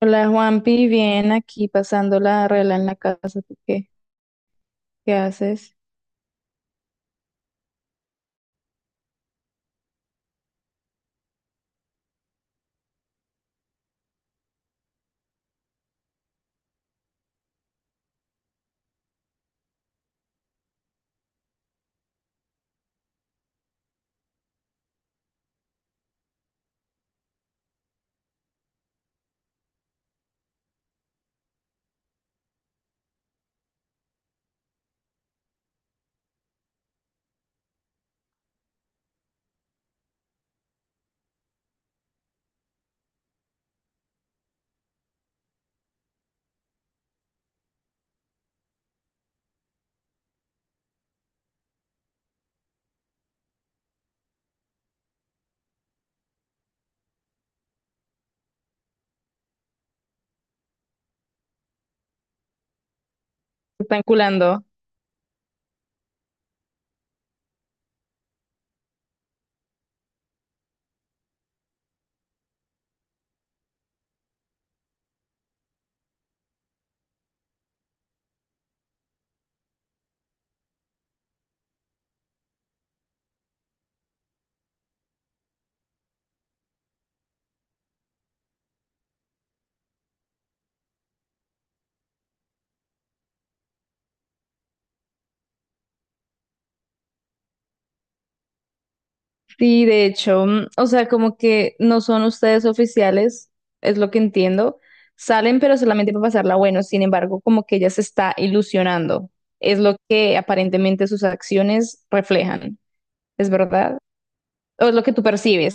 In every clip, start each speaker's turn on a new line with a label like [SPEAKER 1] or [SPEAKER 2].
[SPEAKER 1] Hola Juanpi, bien aquí pasando la regla en la casa. ¿Tú qué? ¿Qué haces? ¿Te ¿Están culando? Sí, de hecho, o sea, como que no son ustedes oficiales, es lo que entiendo. Salen, pero solamente para pasarla bueno. Sin embargo, como que ella se está ilusionando. Es lo que aparentemente sus acciones reflejan. ¿Es verdad? ¿O es lo que tú percibes?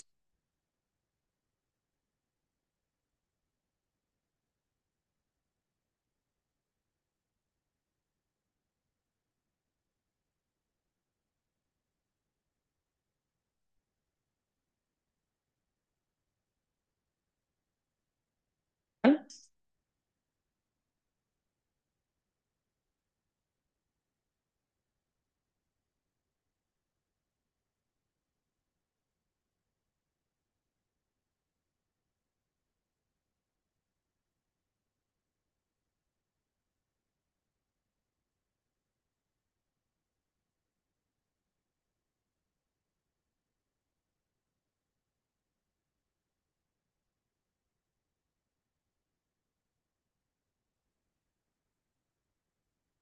[SPEAKER 1] ¿No?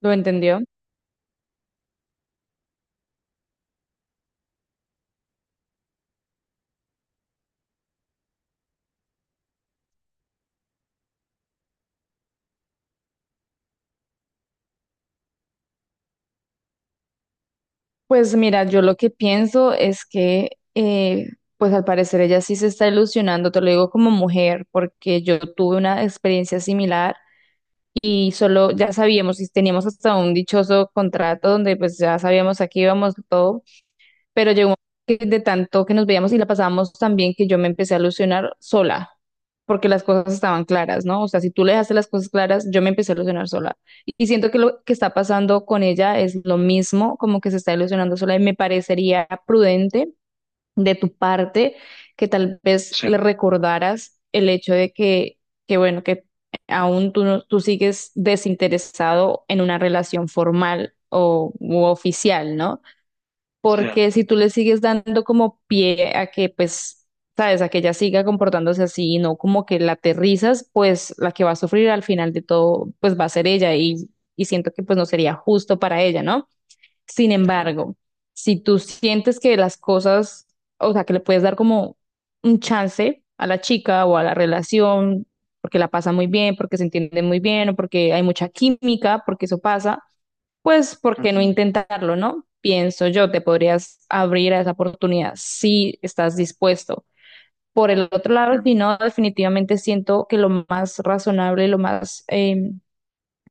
[SPEAKER 1] ¿Lo entendió? Pues mira, yo lo que pienso es que, eh, pues al parecer ella sí se está ilusionando, te lo digo como mujer, porque yo tuve una experiencia similar y solo ya sabíamos y teníamos hasta un dichoso contrato donde pues ya sabíamos a qué íbamos todo, pero llegó un momento que de tanto que nos veíamos y la pasábamos tan bien que yo me empecé a ilusionar sola, porque las cosas estaban claras, ¿no? O sea, si tú le dejaste las cosas claras, yo me empecé a ilusionar sola. Y siento que lo que está pasando con ella es lo mismo, como que se está ilusionando sola y me parecería prudente de tu parte que tal vez, sí, le recordaras el hecho de que bueno, que aún tú, tú sigues desinteresado en una relación formal o u oficial, ¿no? Porque si tú le sigues dando como pie a que, pues, sabes, a que ella siga comportándose así y no como que la aterrizas, pues la que va a sufrir al final de todo, pues va a ser ella, y siento que pues no sería justo para ella, ¿no? Sin embargo, si tú sientes que las cosas, o sea, que le puedes dar como un chance a la chica o a la relación, porque la pasa muy bien, porque se entienden muy bien o porque hay mucha química, porque eso pasa, pues ¿por qué no, ujú, intentarlo, no? Pienso yo, te podrías abrir a esa oportunidad si estás dispuesto. Por el otro lado, si no, definitivamente siento que lo más razonable, lo más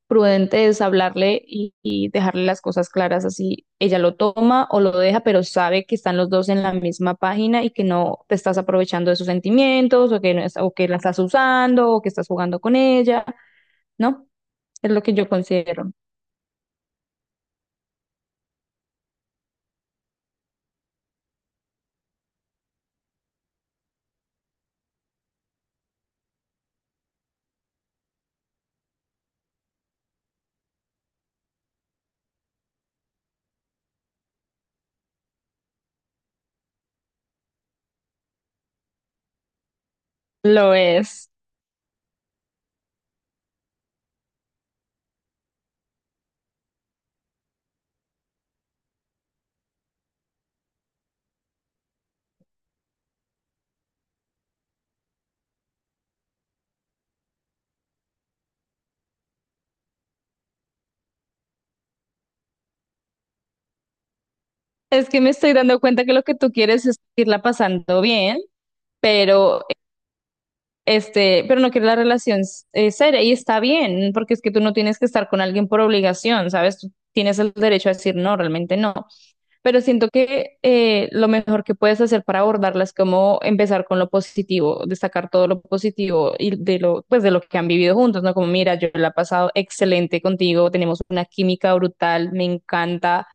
[SPEAKER 1] prudente es hablarle y dejarle las cosas claras así. Ella lo toma o lo deja, pero sabe que están los dos en la misma página y que no te estás aprovechando de sus sentimientos o que, no es- o que la estás usando o que estás jugando con ella, ¿no? Es lo que yo considero. Lo es. Es que me estoy dando cuenta que lo que tú quieres es irla pasando bien, pero este, pero no quieres la relación seria, y está bien, porque es que tú no tienes que estar con alguien por obligación, ¿sabes? Tú tienes el derecho a decir no, realmente no. Pero siento que lo mejor que puedes hacer para abordarla es como empezar con lo positivo, destacar todo lo positivo y de lo, pues de lo que han vivido juntos, ¿no? Como, mira, yo la he pasado excelente contigo, tenemos una química brutal, me encanta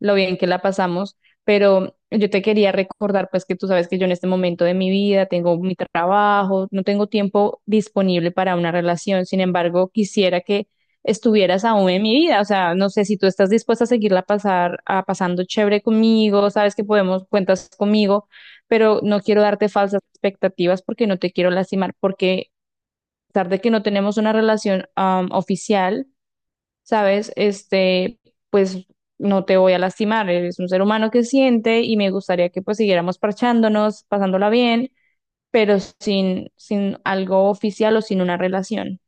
[SPEAKER 1] lo bien que la pasamos, pero yo te quería recordar, pues que tú sabes que yo en este momento de mi vida tengo mi trabajo, no tengo tiempo disponible para una relación, sin embargo, quisiera que estuvieras aún en mi vida. O sea, no sé si tú estás dispuesta a seguirla pasar, a pasando chévere conmigo, sabes que podemos, cuentas conmigo, pero no quiero darte falsas expectativas porque no te quiero lastimar, porque a pesar de que no tenemos una relación oficial, sabes, este, pues no te voy a lastimar, eres un ser humano que siente y me gustaría que pues siguiéramos parchándonos, pasándola bien, pero sin algo oficial o sin una relación.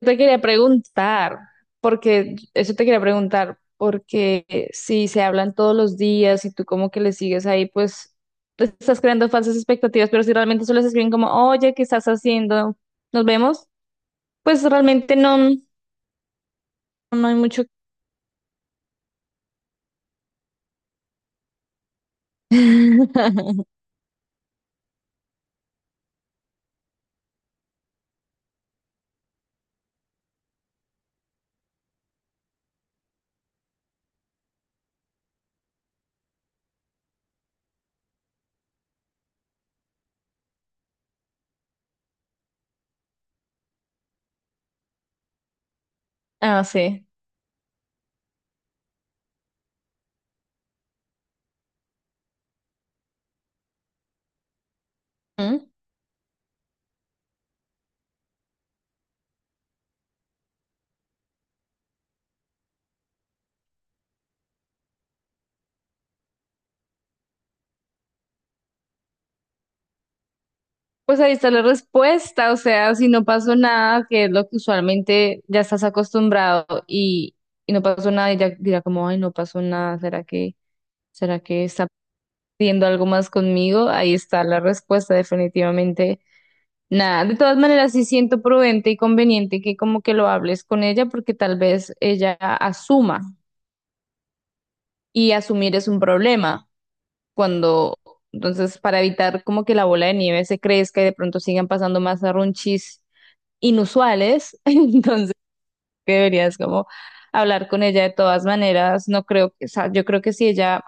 [SPEAKER 1] Te quería preguntar, porque eso te quería preguntar, porque si se hablan todos los días y tú como que le sigues ahí, pues te estás creando falsas expectativas, pero si realmente solo se escriben como, oye, ¿qué estás haciendo? ¿Nos vemos? Pues realmente no, no hay mucho. Ah, sí. ¿Mm? Pues ahí está la respuesta, o sea, si no pasó nada, que es lo que usualmente ya estás acostumbrado, y no pasó nada y ya dirá como, ay, no pasó nada, será que está viendo algo más conmigo? Ahí está la respuesta, definitivamente. Nada, de todas maneras sí siento prudente y conveniente que como que lo hables con ella porque tal vez ella asuma, y asumir es un problema cuando, entonces para evitar como que la bola de nieve se crezca y de pronto sigan pasando más arrunchis inusuales, entonces que deberías como hablar con ella de todas maneras. No creo que, o sea, yo creo que si ella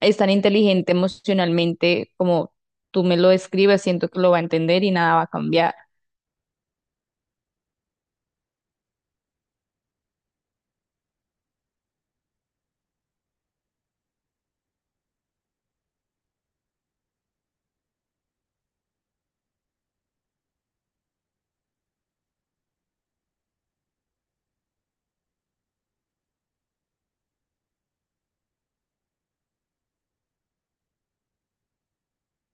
[SPEAKER 1] es tan inteligente emocionalmente como tú me lo describes, siento que lo va a entender y nada va a cambiar.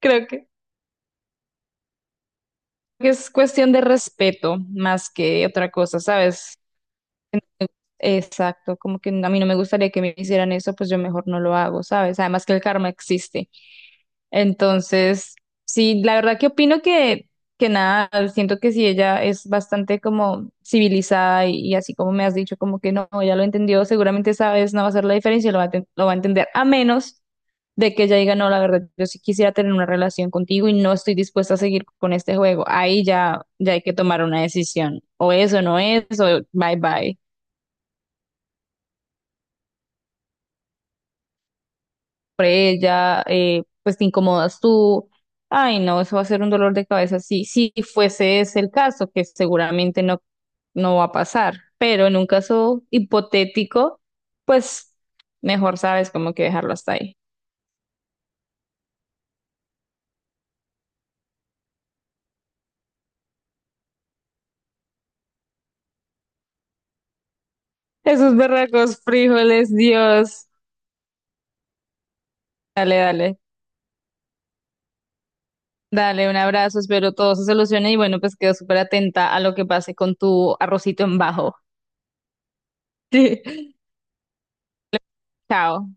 [SPEAKER 1] Creo que es cuestión de respeto más que otra cosa, ¿sabes? Exacto, como que a mí no me gustaría que me hicieran eso, pues yo mejor no lo hago, ¿sabes? Además que el karma existe. Entonces, sí, la verdad que opino que nada, siento que si ella es bastante como civilizada y así como me has dicho, como que no, ya lo entendió, seguramente esa vez no va a hacer la diferencia, lo va a, lo va a entender, a menos de que ella diga, no, la verdad, yo sí quisiera tener una relación contigo y no estoy dispuesta a seguir con este juego. Ahí ya, ya hay que tomar una decisión, o eso no es, o bye bye. Por ella, pues te incomodas tú. Ay, no, eso va a ser un dolor de cabeza si si fuese ese el caso, que seguramente no, no va a pasar. Pero en un caso hipotético, pues mejor sabes como que dejarlo hasta ahí. Esos berracos frijoles, Dios. Dale, dale. Dale, un abrazo, espero todo se solucione y bueno, pues quedo súper atenta a lo que pase con tu arrocito en bajo. Chao.